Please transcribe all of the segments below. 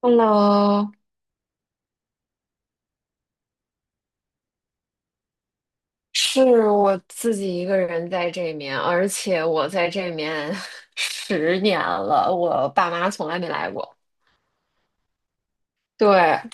Hello，是我自己一个人在这面，而且我在这面 10年了，我爸妈从来没来过。对，他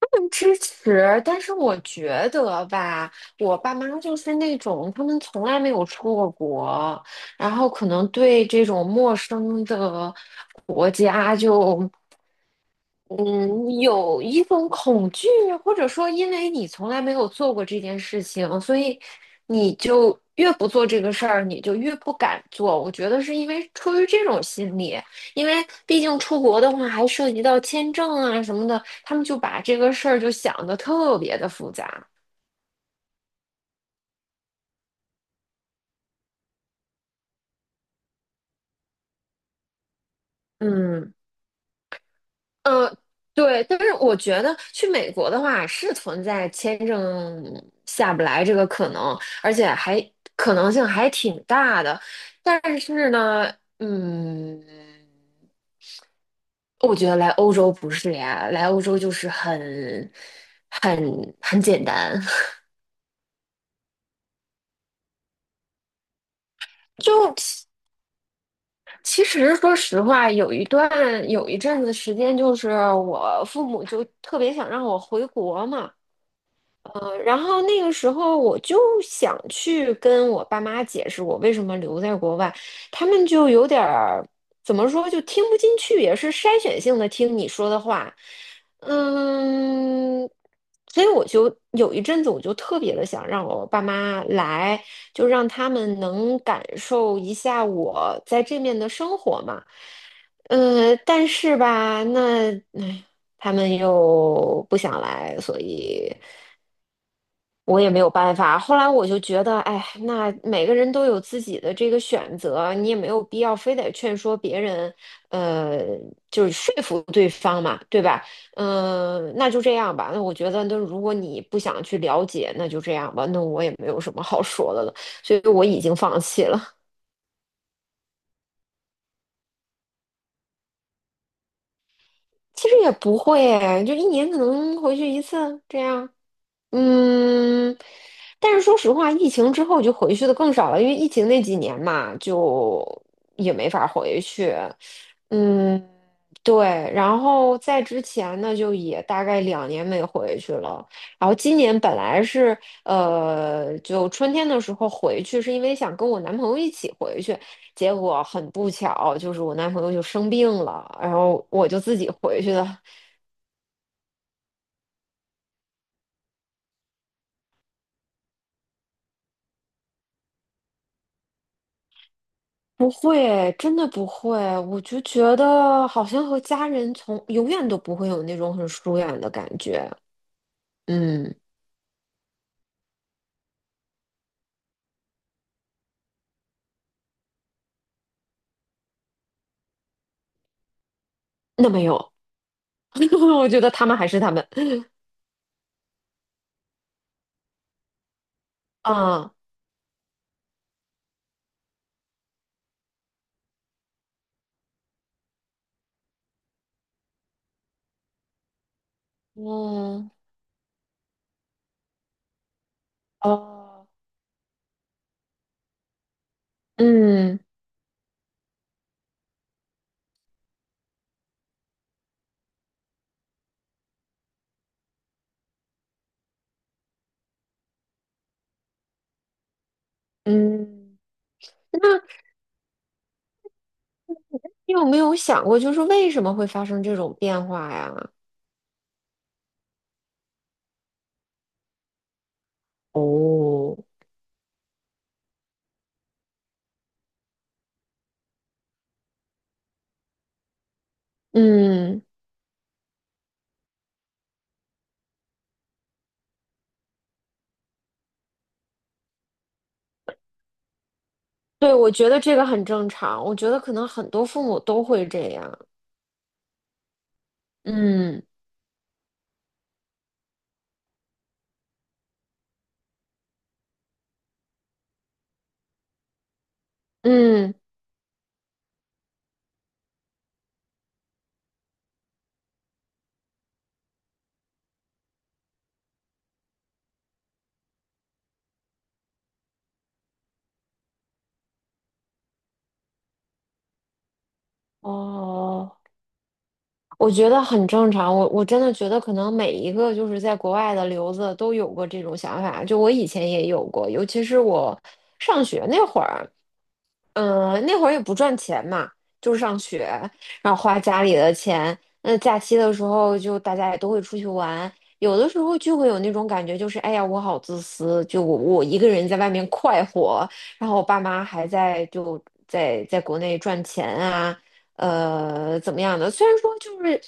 们支持，但是我觉得吧，我爸妈就是那种他们从来没有出过国，然后可能对这种陌生的国家就。嗯，有一种恐惧，或者说因为你从来没有做过这件事情，所以你就越不做这个事儿，你就越不敢做。我觉得是因为出于这种心理，因为毕竟出国的话还涉及到签证啊什么的，他们就把这个事儿就想得特别的复杂。嗯。嗯，对，但是我觉得去美国的话是存在签证下不来这个可能，而且还可能性还挺大的。但是呢，嗯，我觉得来欧洲不是呀，来欧洲就是很、很、很简单。就其其实说实话，有一阵子时间，就是我父母就特别想让我回国嘛。然后那个时候我就想去跟我爸妈解释我为什么留在国外，他们就有点儿怎么说，就听不进去，也是筛选性的听你说的话，嗯，所以我就有一阵子我就特别的想让我爸妈来，就让他们能感受一下我在这面的生活嘛，但是吧，那，哎，他们又不想来，所以。我也没有办法。后来我就觉得，哎，那每个人都有自己的这个选择，你也没有必要非得劝说别人，呃，就是说服对方嘛，对吧？嗯、那就这样吧。那我觉得，那如果你不想去了解，那就这样吧。那我也没有什么好说的了，所以我已经放弃了。其实也不会诶，就一年可能回去一次这样。嗯，但是说实话，疫情之后就回去的更少了，因为疫情那几年嘛，就也没法回去。嗯，对。然后在之前呢，就也大概2年没回去了。然后今年本来是就春天的时候回去，是因为想跟我男朋友一起回去，结果很不巧，就是我男朋友就生病了，然后我就自己回去了。不会，真的不会，我就觉得好像和家人从永远都不会有那种很疏远的感觉。嗯，那没有，我觉得他们还是他们。啊，嗯，哦，嗯嗯，那你有没有想过，就是为什么会发生这种变化呀？哦，嗯。对，我觉得这个很正常，我觉得可能很多父母都会这样。嗯嗯，哦，我觉得很正常。我真的觉得可能每一个就是在国外的留子都有过这种想法，就我以前也有过，尤其是我上学那会儿，嗯，那会儿也不赚钱嘛，就是上学，然后花家里的钱。那假期的时候，就大家也都会出去玩，有的时候就会有那种感觉，就是哎呀，我好自私，就我一个人在外面快活，然后我爸妈还在就在国内赚钱啊，怎么样的？虽然说就是，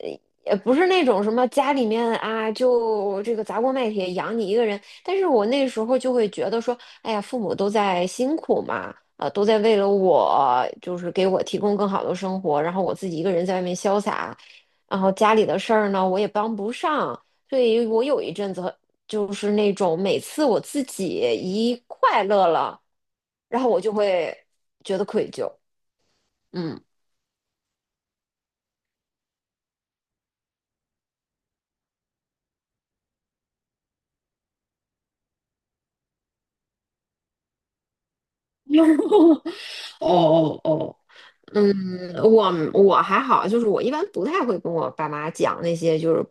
呃，也不是那种什么家里面啊，就这个砸锅卖铁养你一个人，但是我那时候就会觉得说，哎呀，父母都在辛苦嘛。都在为了我，就是给我提供更好的生活，然后我自己一个人在外面潇洒，然后家里的事儿呢，我也帮不上，所以我有一阵子很就是那种每次我自己一快乐了，然后我就会觉得愧疚，嗯。哦哦哦，嗯，我还好，就是我一般不太会跟我爸妈讲那些就是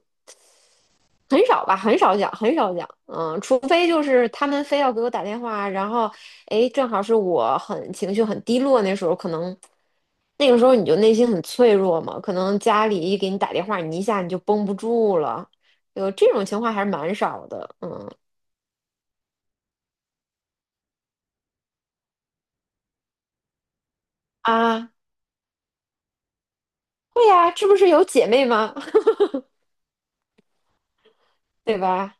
很少吧，很少讲，很少讲，嗯，除非就是他们非要给我打电话，然后，哎，正好是我很情绪很低落，那时候可能，那个时候你就内心很脆弱嘛，可能家里一给你打电话，你一下你就绷不住了，有这种情况还是蛮少的。嗯，啊，会呀，这不是有姐妹吗？对吧？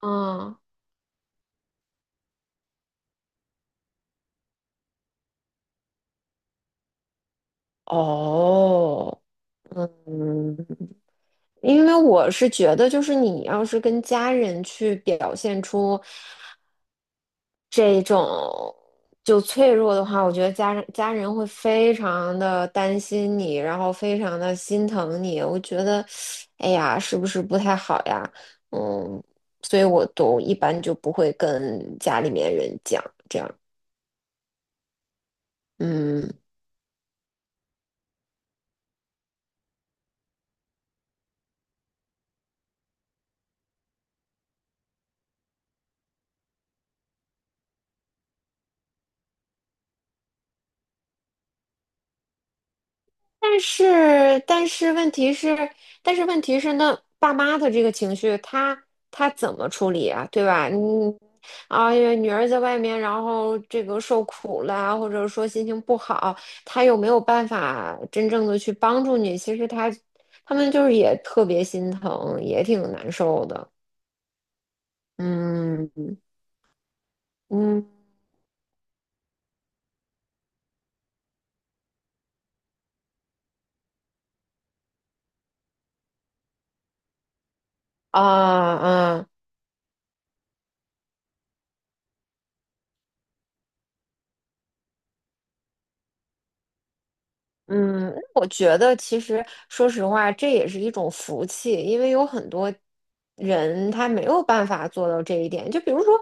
嗯，哦，嗯，因为我是觉得，就是你要是跟家人去表现出这种就脆弱的话，我觉得家人会非常的担心你，然后非常的心疼你。我觉得，哎呀，是不是不太好呀？嗯，所以我都一般就不会跟家里面人讲这样。嗯。但是，但是问题是，但是问题是，那爸妈的这个情绪，他怎么处理啊？对吧？嗯，啊，因为女儿在外面，然后这个受苦了，或者说心情不好，他又没有办法真正的去帮助你。其实他们就是也特别心疼，也挺难受的。嗯，嗯，啊，啊，嗯，我觉得其实说实话，这也是一种福气，因为有很多人他没有办法做到这一点。就比如说，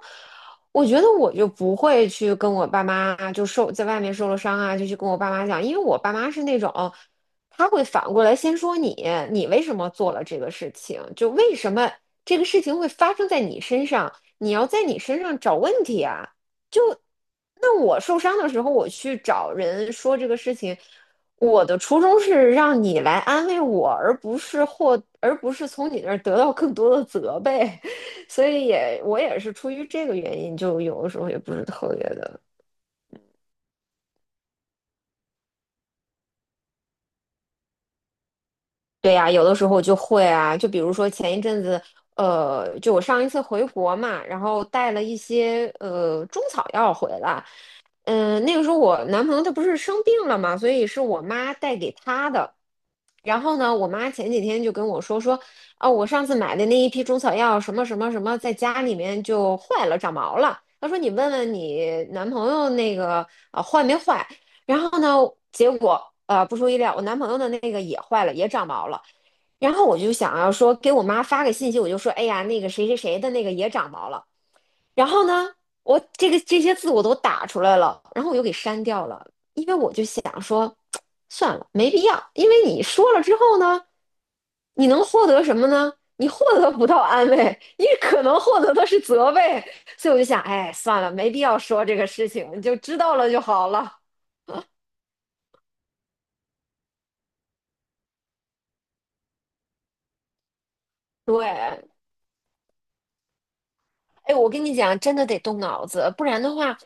我觉得我就不会去跟我爸妈就受在外面受了伤啊，就去跟我爸妈讲，因为我爸妈是那种，他会反过来先说你，你为什么做了这个事情？就为什么这个事情会发生在你身上？你要在你身上找问题啊。那我受伤的时候，我去找人说这个事情，我的初衷是让你来安慰我，而不是从你那儿得到更多的责备，所以我也是出于这个原因，就有的时候也不是特别的。对呀，有的时候就会啊，就比如说前一阵子，就我上一次回国嘛，然后带了一些中草药回来，嗯、那个时候我男朋友他不是生病了嘛，所以是我妈带给他的。然后呢，我妈前几天就跟我说，哦，我上次买的那一批中草药什么什么什么，在家里面就坏了，长毛了。她说你问问你男朋友那个啊、坏没坏？然后呢，结果不出意料，我男朋友的那个也坏了，也长毛了。然后我就想要说给我妈发个信息，我就说，哎呀，那个谁谁谁的那个也长毛了。然后呢，我这个这些字我都打出来了，然后我又给删掉了，因为我就想说，算了，没必要，因为你说了之后呢，你能获得什么呢？你获得不到安慰，你可能获得的是责备，所以我就想，哎，算了，没必要说这个事情，你就知道了就好了。对，哎，我跟你讲，真的得动脑子，不然的话，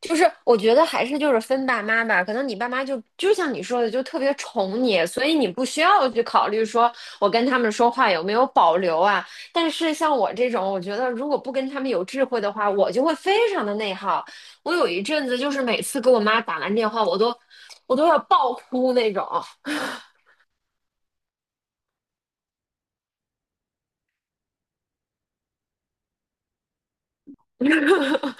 就是我觉得还是就是分爸妈吧，可能你爸妈就像你说的，就特别宠你，所以你不需要去考虑说我跟他们说话有没有保留啊。但是像我这种，我觉得如果不跟他们有智慧的话，我就会非常的内耗。我有一阵子就是每次给我妈打完电话，我都要爆哭那种。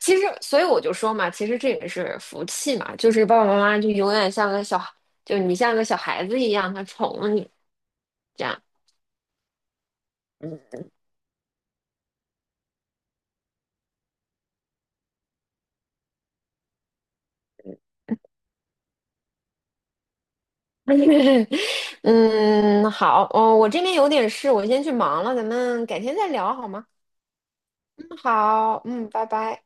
其实，所以我就说嘛，其实这也是福气嘛，就是爸爸妈妈就永远像个小，就你像个小孩子一样，他宠了你，这样。嗯 嗯，好，哦，我这边有点事，我先去忙了，咱们改天再聊好吗？嗯，好，嗯，拜拜。